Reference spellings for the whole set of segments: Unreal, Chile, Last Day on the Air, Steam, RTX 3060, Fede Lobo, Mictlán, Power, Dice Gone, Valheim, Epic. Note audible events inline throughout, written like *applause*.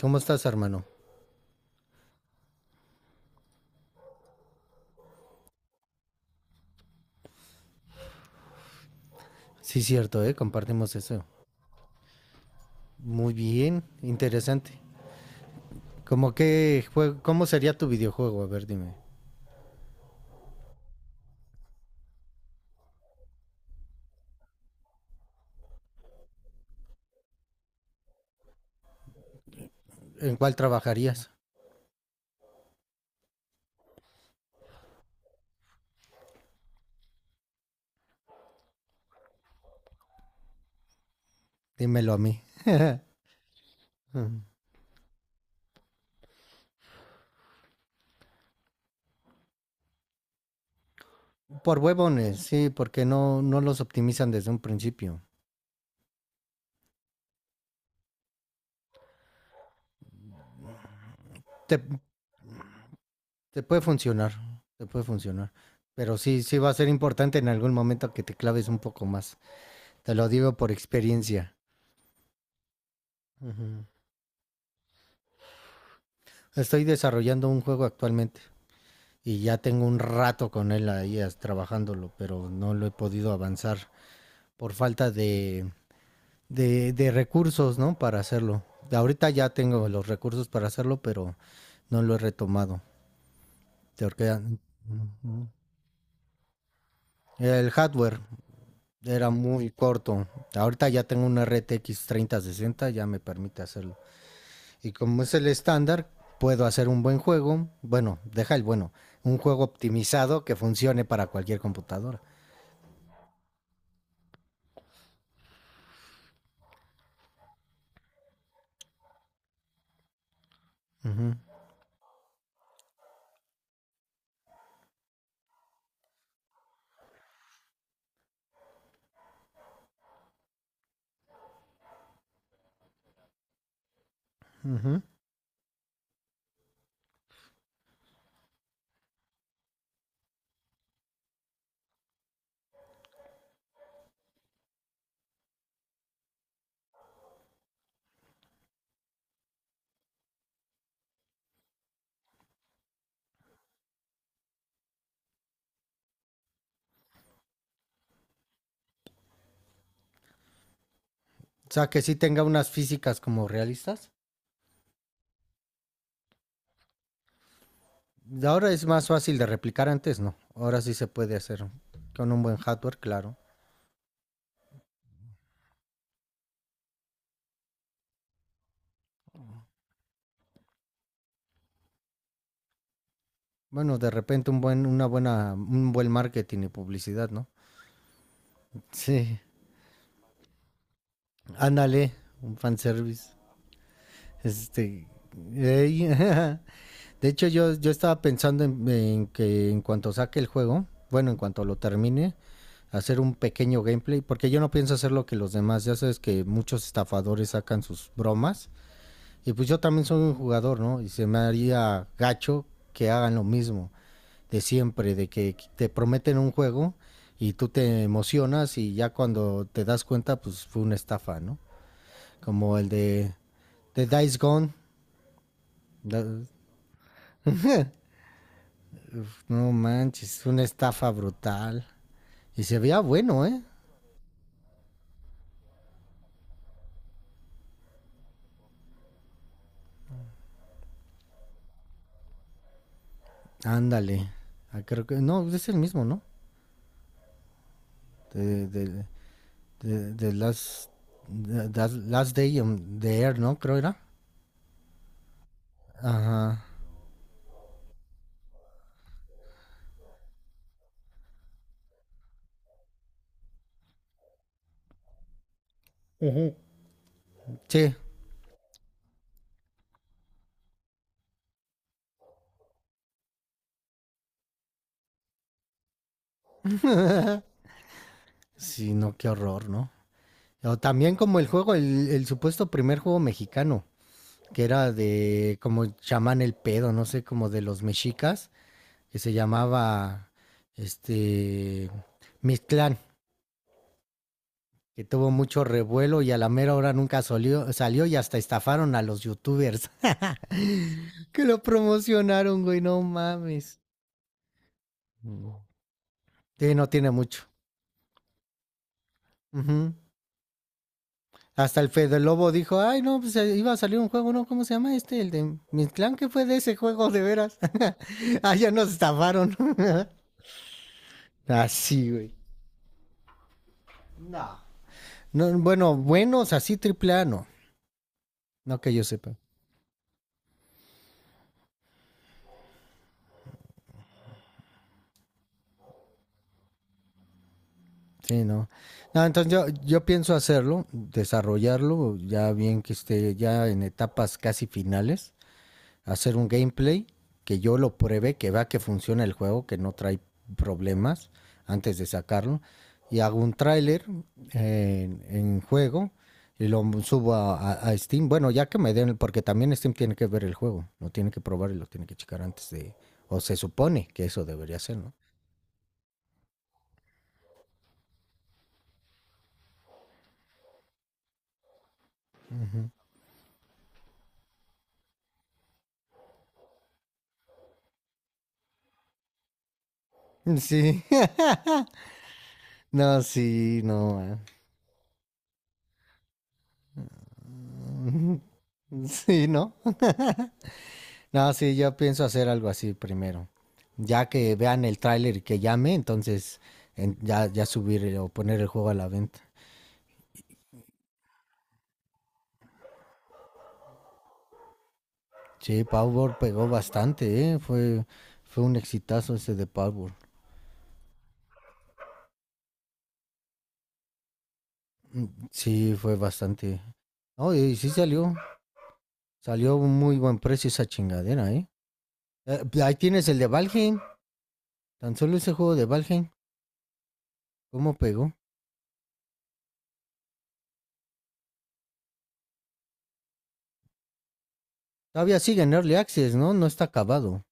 ¿Cómo estás, hermano? Sí, cierto, ¿eh? Compartimos eso. Muy bien, interesante. ¿Cómo sería tu videojuego? A ver, dime. ¿En cuál trabajarías? Dímelo a mí. Ujú. Por huevones, sí, porque no los optimizan desde un principio. Te, te puede funcionar, te puede funcionar. Pero sí, sí va a ser importante en algún momento que te claves un poco más. Te lo digo por experiencia. Ujú. Estoy desarrollando un juego actualmente. Y ya tengo un rato con él ahí trabajándolo, pero no lo he podido avanzar por falta de recursos, ¿no? Para hacerlo. Ahorita ya tengo los recursos para hacerlo, pero no lo he retomado. Porque el hardware era muy corto. Ahorita ya tengo una RTX 3060, ya me permite hacerlo. Y como es el estándar, puedo hacer un buen juego. Bueno, deja el bueno. Un juego optimizado que funcione para cualquier computadora. Ujú, ujú. O sea, que sí tenga unas físicas como realistas. Ahora es más fácil de replicar, antes no. Ahora sí se puede hacer con un buen hardware, claro. Bueno, de repente un buen, una buena, un buen marketing y publicidad, ¿no? *laughs* Sí, ándale, un fanservice. Este, eh, *laughs* de hecho, yo estaba pensando en que en cuanto saque el juego, bueno, en cuanto lo termine, hacer un pequeño gameplay, porque yo no pienso hacer lo que los demás, ya sabes que muchos estafadores sacan sus bromas. Y pues yo también soy un jugador, ¿no? Y se me haría gacho que hagan lo mismo de siempre, de que te prometen un juego y tú te emocionas y ya cuando te das cuenta, pues fue una estafa, ¿no? Como el de Dice Gone. No manches, una estafa brutal. Y se veía bueno, ¿eh? Ándale. Ah, creo que, no, es el mismo, ¿no? De, de, de, de Last, de Last Day on the Air, ¿no? Creo era. Ajá. Ujú. Sí. Sí, no, qué horror, ¿no? O también como el juego, el supuesto primer juego mexicano, que era de como llaman el pedo, no sé, como de los mexicas, que se llamaba este Mictlán, que tuvo mucho revuelo y a la mera hora nunca salió y hasta estafaron a los youtubers *laughs* que lo promocionaron, güey, no mames. Mm. Sí, no tiene mucho. Ujú. Hasta el Fede Lobo dijo, ay, no, pues iba a salir un juego, ¿no? ¿Cómo se llama este? El de mi clan, ¿qué fue de ese juego, de veras? *laughs* Ah, ya nos estafaron. *laughs* Así, güey. No. No. Bueno, buenos, así triple A, no. No que yo sepa. Sí, no. No entonces yo pienso hacerlo, desarrollarlo, ya bien que esté ya en etapas casi finales. Hacer un gameplay que yo lo pruebe, que vea que funciona el juego, que no trae problemas antes de sacarlo. Y hago un tráiler en juego y lo subo a Steam. Bueno, ya que me den, porque también Steam tiene que ver el juego, lo tiene que probar y lo tiene que checar antes de. O se supone que eso debería ser, ¿no? Uh -huh. Sí, *laughs* no, sí, no. Ah. Sí, no. No, sí, yo pienso hacer algo así primero. Ya que vean el tráiler y que llame, entonces ya, ya subir o poner el juego a la venta. Sí, Power pegó bastante, ¿eh? Fue un exitazo ese de Power. Mm. Sí, fue bastante. No, y sí salió. Salió a un muy buen precio esa chingadera, ¿eh? Pues ahí tienes el de Valheim. Tan solo ese juego de Valheim. ¿Cómo pegó? Todavía sigue en Early Access, ¿no? No está acabado.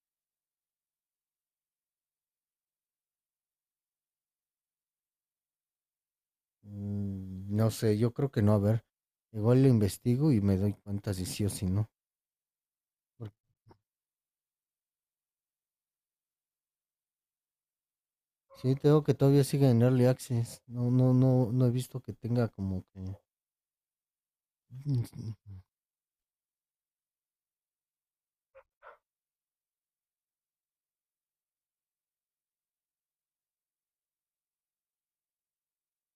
Mm, no sé, yo creo que no, a ver. Igual lo investigo y me doy cuenta si sí o si no. Porque sí, tengo que todavía sigue en Early Access. No, no, no, no he visto que tenga como que... Mm.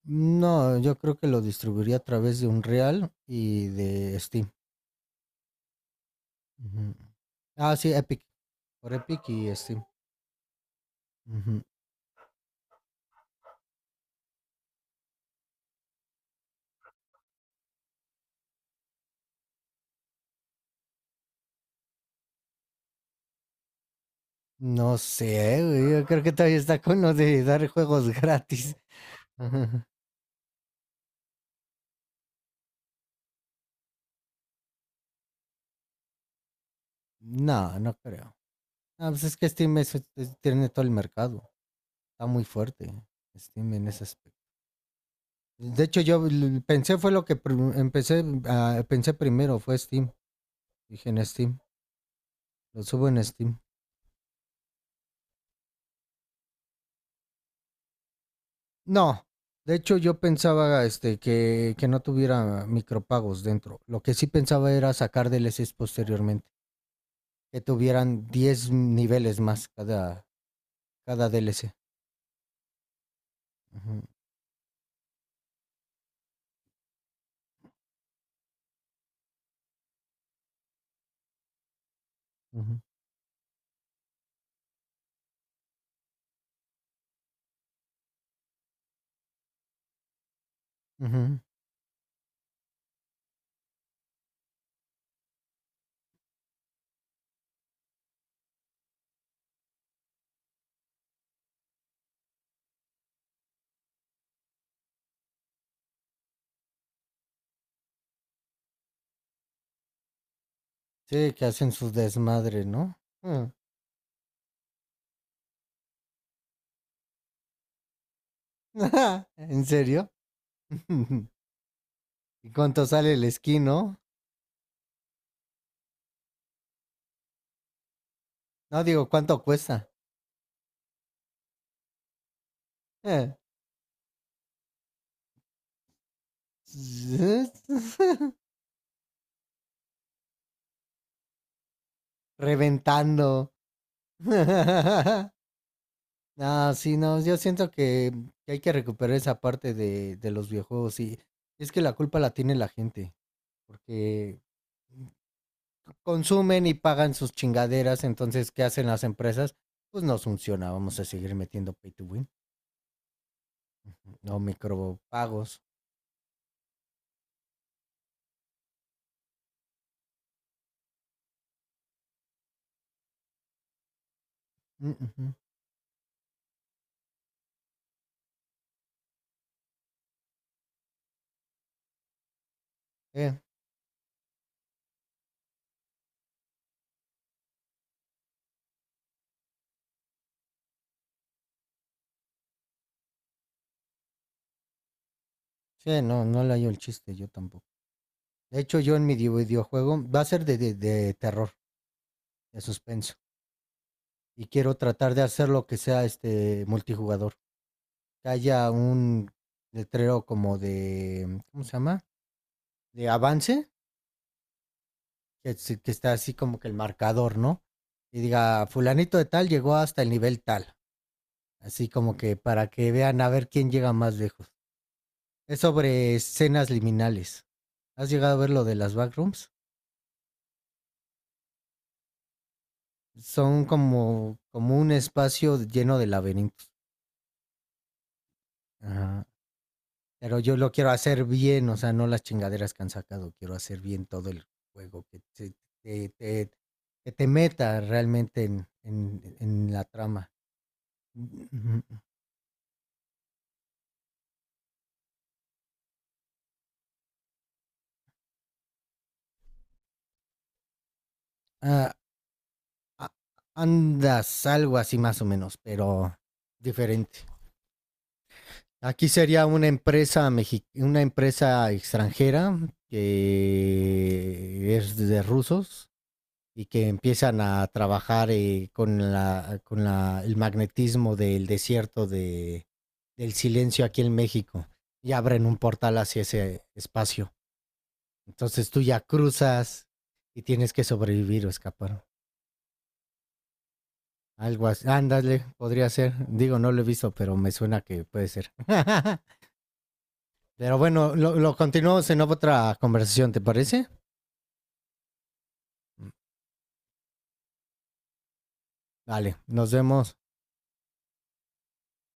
No, yo creo que lo distribuiría a través de Unreal y de Steam. Ujú. Ah, sí, Epic. Por Epic y Steam. Ujú. No sé, güey, yo creo que todavía está con lo de dar juegos gratis. *laughs* Ajá. No, no creo. Ah, pues es que Steam tiene todo el mercado. Está muy fuerte Steam en ese aspecto. De hecho, yo pensé fue lo que empecé, pensé primero, fue Steam. Dije en Steam, lo subo en Steam. No, de hecho yo pensaba este, que no tuviera micropagos dentro. Lo que sí pensaba era sacar DLCs posteriormente, que tuvieran 10 niveles más cada DLC. Ujú, ujú, ujú. Sí, que hacen su desmadre, ¿no? Mm. *laughs* ¿En serio? *laughs* ¿Y cuánto sale el skin, no? No digo, ¿cuánto cuesta? Eh. *laughs* Reventando. *laughs* No, sí, no, yo siento que hay que recuperar esa parte de los videojuegos, y es que la culpa la tiene la gente, porque consumen y pagan sus chingaderas. Entonces, ¿qué hacen las empresas? Pues no funciona, vamos a seguir metiendo pay to win, no micropagos. Mm, ujú. Eh, sí, no, no le hallo el chiste, yo tampoco. De hecho, yo en mi videojuego va a ser de terror. De suspenso. Y quiero tratar de hacer lo que sea este multijugador. Que haya un letrero como de, ¿cómo se llama? De avance, que está así como que el marcador, ¿no? Y diga, fulanito de tal llegó hasta el nivel tal. Así como que para que vean a ver quién llega más lejos. Es sobre escenas liminales. ¿Has llegado a ver lo de las backrooms? Son como un espacio lleno de laberintos. Ajá. Pero yo lo quiero hacer bien, o sea, no las chingaderas que han sacado. Quiero hacer bien todo el juego, te- te- que te meta realmente en la trama. Mm, mm. Ah, andas algo así más o menos, pero diferente. Aquí sería una empresa extranjera que es de rusos y que empiezan a trabajar el magnetismo del desierto de del silencio aquí en México y abren un portal hacia ese espacio. Entonces tú ya cruzas y tienes que sobrevivir o escapar. Algo así. Ándale, podría ser. Digo, no lo he visto, pero me suena que puede ser. *laughs* Pero bueno, lo continuamos en otra conversación, ¿te parece? Vale, nos vemos.